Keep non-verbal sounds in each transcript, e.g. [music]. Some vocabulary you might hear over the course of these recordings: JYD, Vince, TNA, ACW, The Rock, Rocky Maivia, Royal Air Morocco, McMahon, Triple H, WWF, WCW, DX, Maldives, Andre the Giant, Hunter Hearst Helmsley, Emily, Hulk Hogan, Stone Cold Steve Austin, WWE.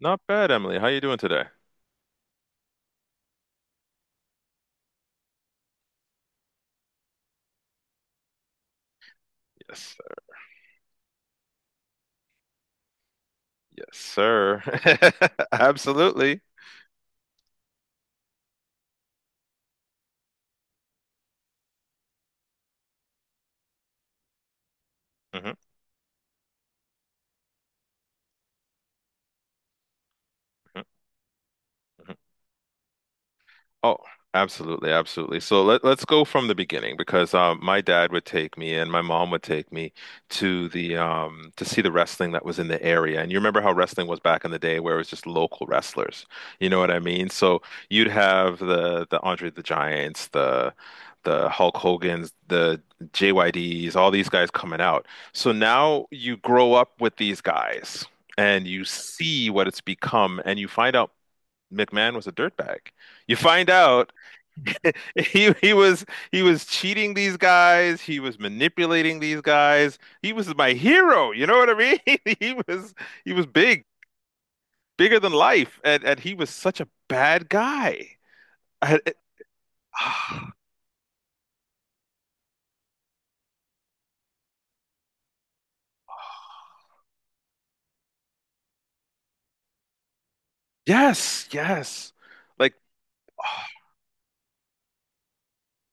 Not bad, Emily. How you doing today? Yes, yes, sir. [laughs] Absolutely. Hmm Oh, absolutely, absolutely. So let's go from the beginning because my dad would take me and my mom would take me to the to see the wrestling that was in the area. And you remember how wrestling was back in the day where it was just local wrestlers. You know what I mean? So you'd have the Andre the Giants, the Hulk Hogan's, the JYDs, all these guys coming out. So now you grow up with these guys. And you see what it's become, and you find out McMahon was a dirtbag. You find out [laughs] he he was he was cheating these guys, he was manipulating these guys. He was my hero, you know what I mean? [laughs] He was big, bigger than life, and he was such a bad guy. I, I- [sighs] yes, yes. Like oh,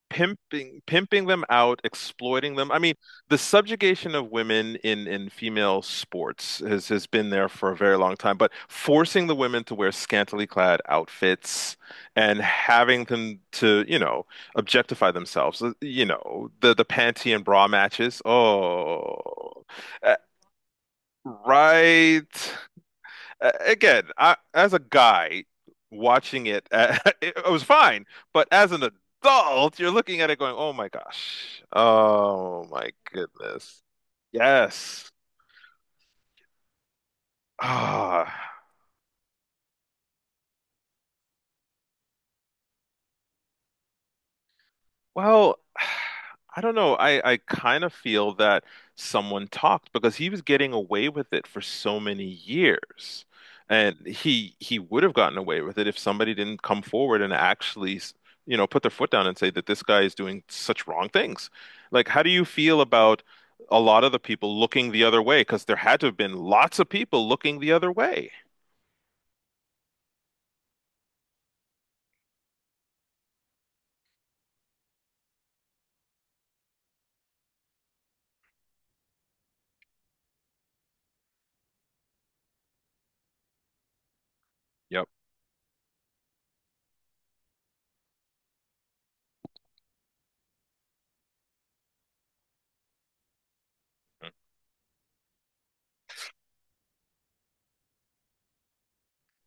pimping them out, exploiting them. I mean, the subjugation of women in female sports has been there for a very long time, but forcing the women to wear scantily clad outfits and having them to, you know, objectify themselves. You know, the panty and bra matches. Oh. Uh, Right again, I, as a guy watching it, [laughs] it was fine, but as an adult, you're looking at it going, "Oh my gosh, oh my goodness, yes." Ah. Well, [sighs] I don't know. I kind of feel that someone talked because he was getting away with it for so many years. And he would have gotten away with it if somebody didn't come forward and actually, you know, put their foot down and say that this guy is doing such wrong things. Like, how do you feel about a lot of the people looking the other way? Because there had to have been lots of people looking the other way. Yep.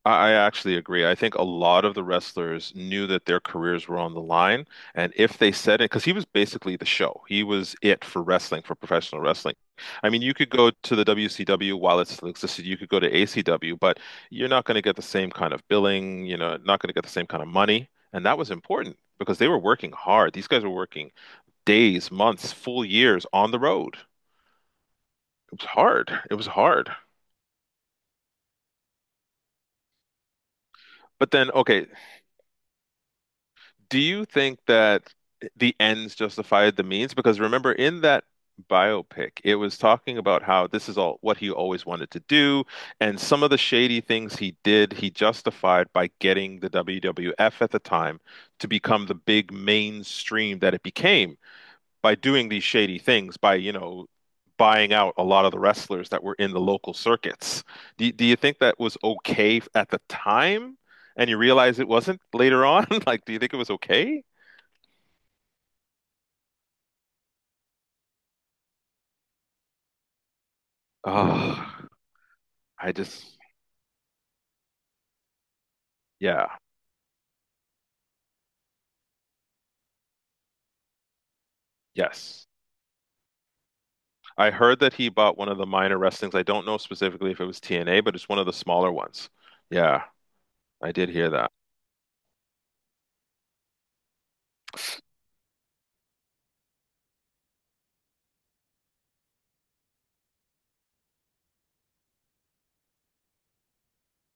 I actually agree. I think a lot of the wrestlers knew that their careers were on the line. And if they said it, because he was basically the show, he was it for wrestling, for professional wrestling. I mean, you could go to the WCW while it still existed, you could go to ACW, but you're not going to get the same kind of billing, you know, not going to get the same kind of money. And that was important because they were working hard. These guys were working days, months, full years on the road. It was hard. It was hard. But then, okay, do you think that the ends justified the means? Because remember, in that biopic, it was talking about how this is all what he always wanted to do, and some of the shady things he did, he justified by getting the WWF at the time to become the big mainstream that it became by doing these shady things, by, you know, buying out a lot of the wrestlers that were in the local circuits. Do you think that was okay at the time and you realize it wasn't later on? [laughs] Like, do you think it was okay? Oh, I just, yeah, yes. I heard that he bought one of the minor wrestlings. I don't know specifically if it was TNA, but it's one of the smaller ones. Yeah, I did hear that.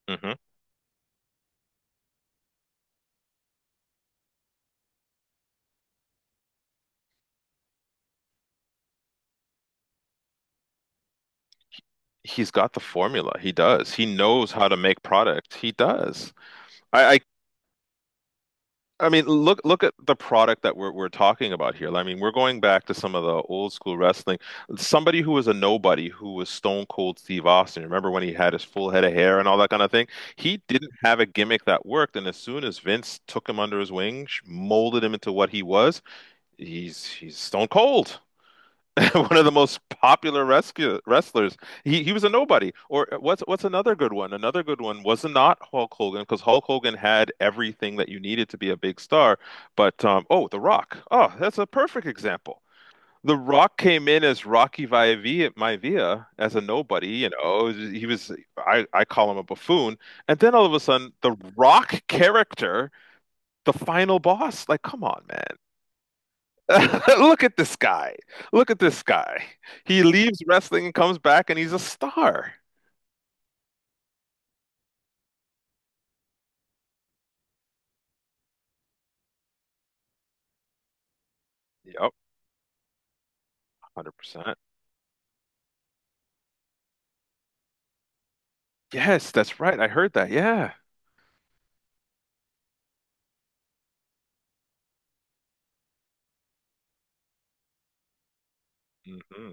Hmm He's got the formula. He does. He knows how to make product. He does. I I mean, look at the product that we're talking about here. I mean, we're going back to some of the old school wrestling. Somebody who was a nobody, who was Stone Cold Steve Austin. Remember when he had his full head of hair and all that kind of thing? He didn't have a gimmick that worked, and as soon as Vince took him under his wing, molded him into what he was, he's Stone Cold. [laughs] One of the most popular rescue wrestlers. He was a nobody. Or what's another good one? Another good one was not Hulk Hogan because Hulk Hogan had everything that you needed to be a big star. But oh, The Rock. Oh, that's a perfect example. The Rock came in as Rocky Maivia, Maivia as a nobody, you know. He was I call him a buffoon. And then all of a sudden, the Rock character, the final boss, like come on, man. [laughs] Look at this guy. Look at this guy. He leaves wrestling and comes back and he's a star. Yep, 100%. Yes, that's right. I heard that. Yeah. hmm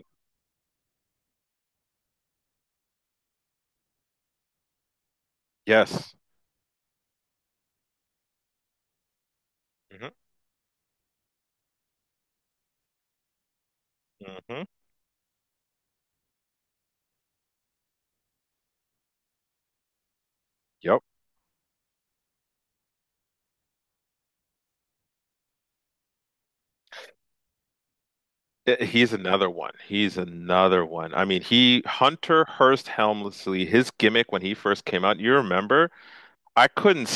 Yes. hmm hmm Yep. Eh, he's another one. He's another one. I mean, he, Hunter Hearst Helmsley, his gimmick when he first came out, you remember? I couldn't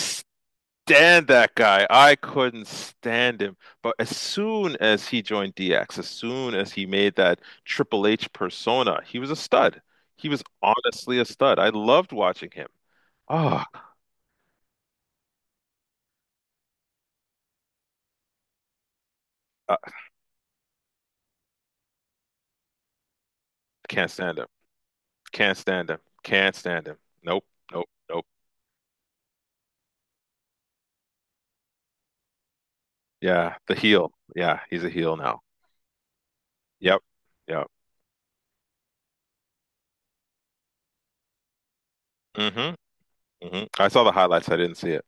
stand that guy. I couldn't stand him. But as soon as he joined DX, as soon as he made that Triple H persona, he was a stud. He was honestly a stud. I loved watching him. Oh, I can't stand him. Can't stand him. Can't stand him. Nope. Nope. Nope. Yeah, the heel. Yeah, he's a heel now. Yep. Yep. hmm hmm I saw the highlights. I didn't see it.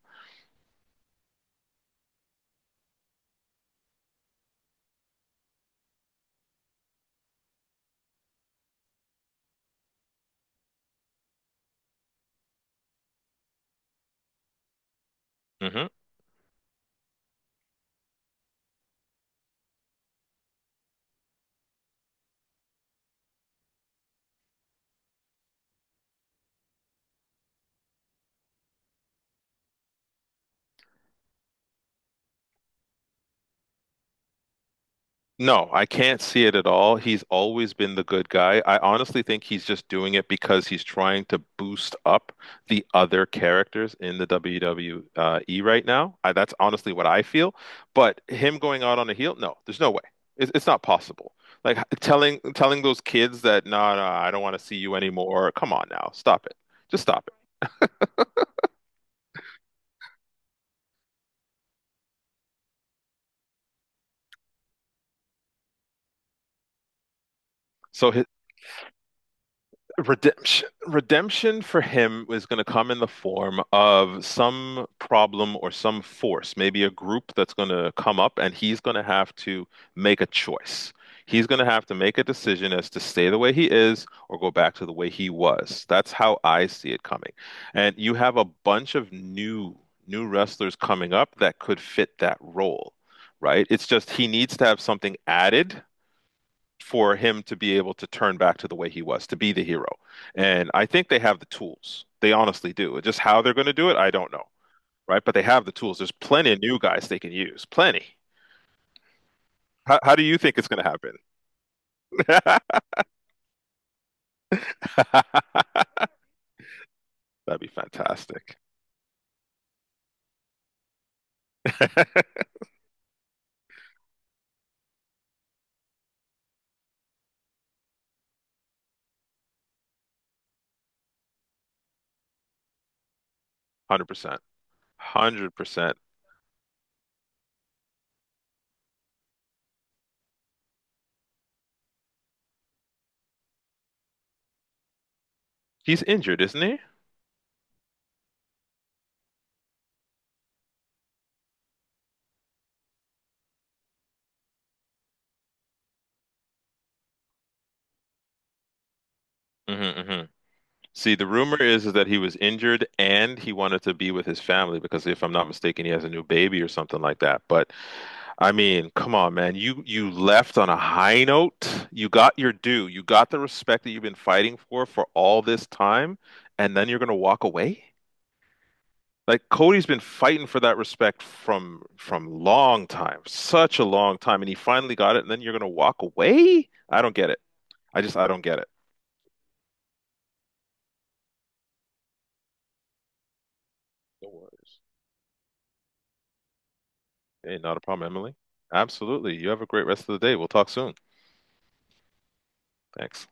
Hmm No, I can't see it at all. He's always been the good guy. I honestly think he's just doing it because he's trying to boost up the other characters in the WWE right now. I, that's honestly what I feel. But him going out on a heel, no, there's no way. It's not possible. Like telling those kids that no, no, I don't want to see you anymore. Come on now, stop it. Just stop it. So hi- redemption for him was going to come in the form of some problem or some force, maybe a group that's going to come up, and he's going to have to make a choice. He's going to have to make a decision as to stay the way he is or go back to the way he was. That's how I see it coming. And you have a bunch of new wrestlers coming up that could fit that role, right? It's just he needs to have something added for him to be able to turn back to the way he was, to be the hero. And I think they have the tools. They honestly do. Just how they're going to do it, I don't know, right? But they have the tools. There's plenty of new guys they can use. Plenty. How do you think it's going to happen? [laughs] That'd be fantastic. [laughs] 100%. 100%. He's injured, isn't he? Hmm hmm See, the rumor is that he was injured and he wanted to be with his family because if I'm not mistaken, he has a new baby or something like that. But I mean, come on, man. You left on a high note. You got your due. You got the respect that you've been fighting for all this time, and then you're gonna walk away? Like Cody's been fighting for that respect from long time, such a long time, and he finally got it, and then you're gonna walk away? I don't get it. I don't get it. No worries. Hey, not a problem, Emily. Absolutely. You have a great rest of the day. We'll talk soon. Thanks.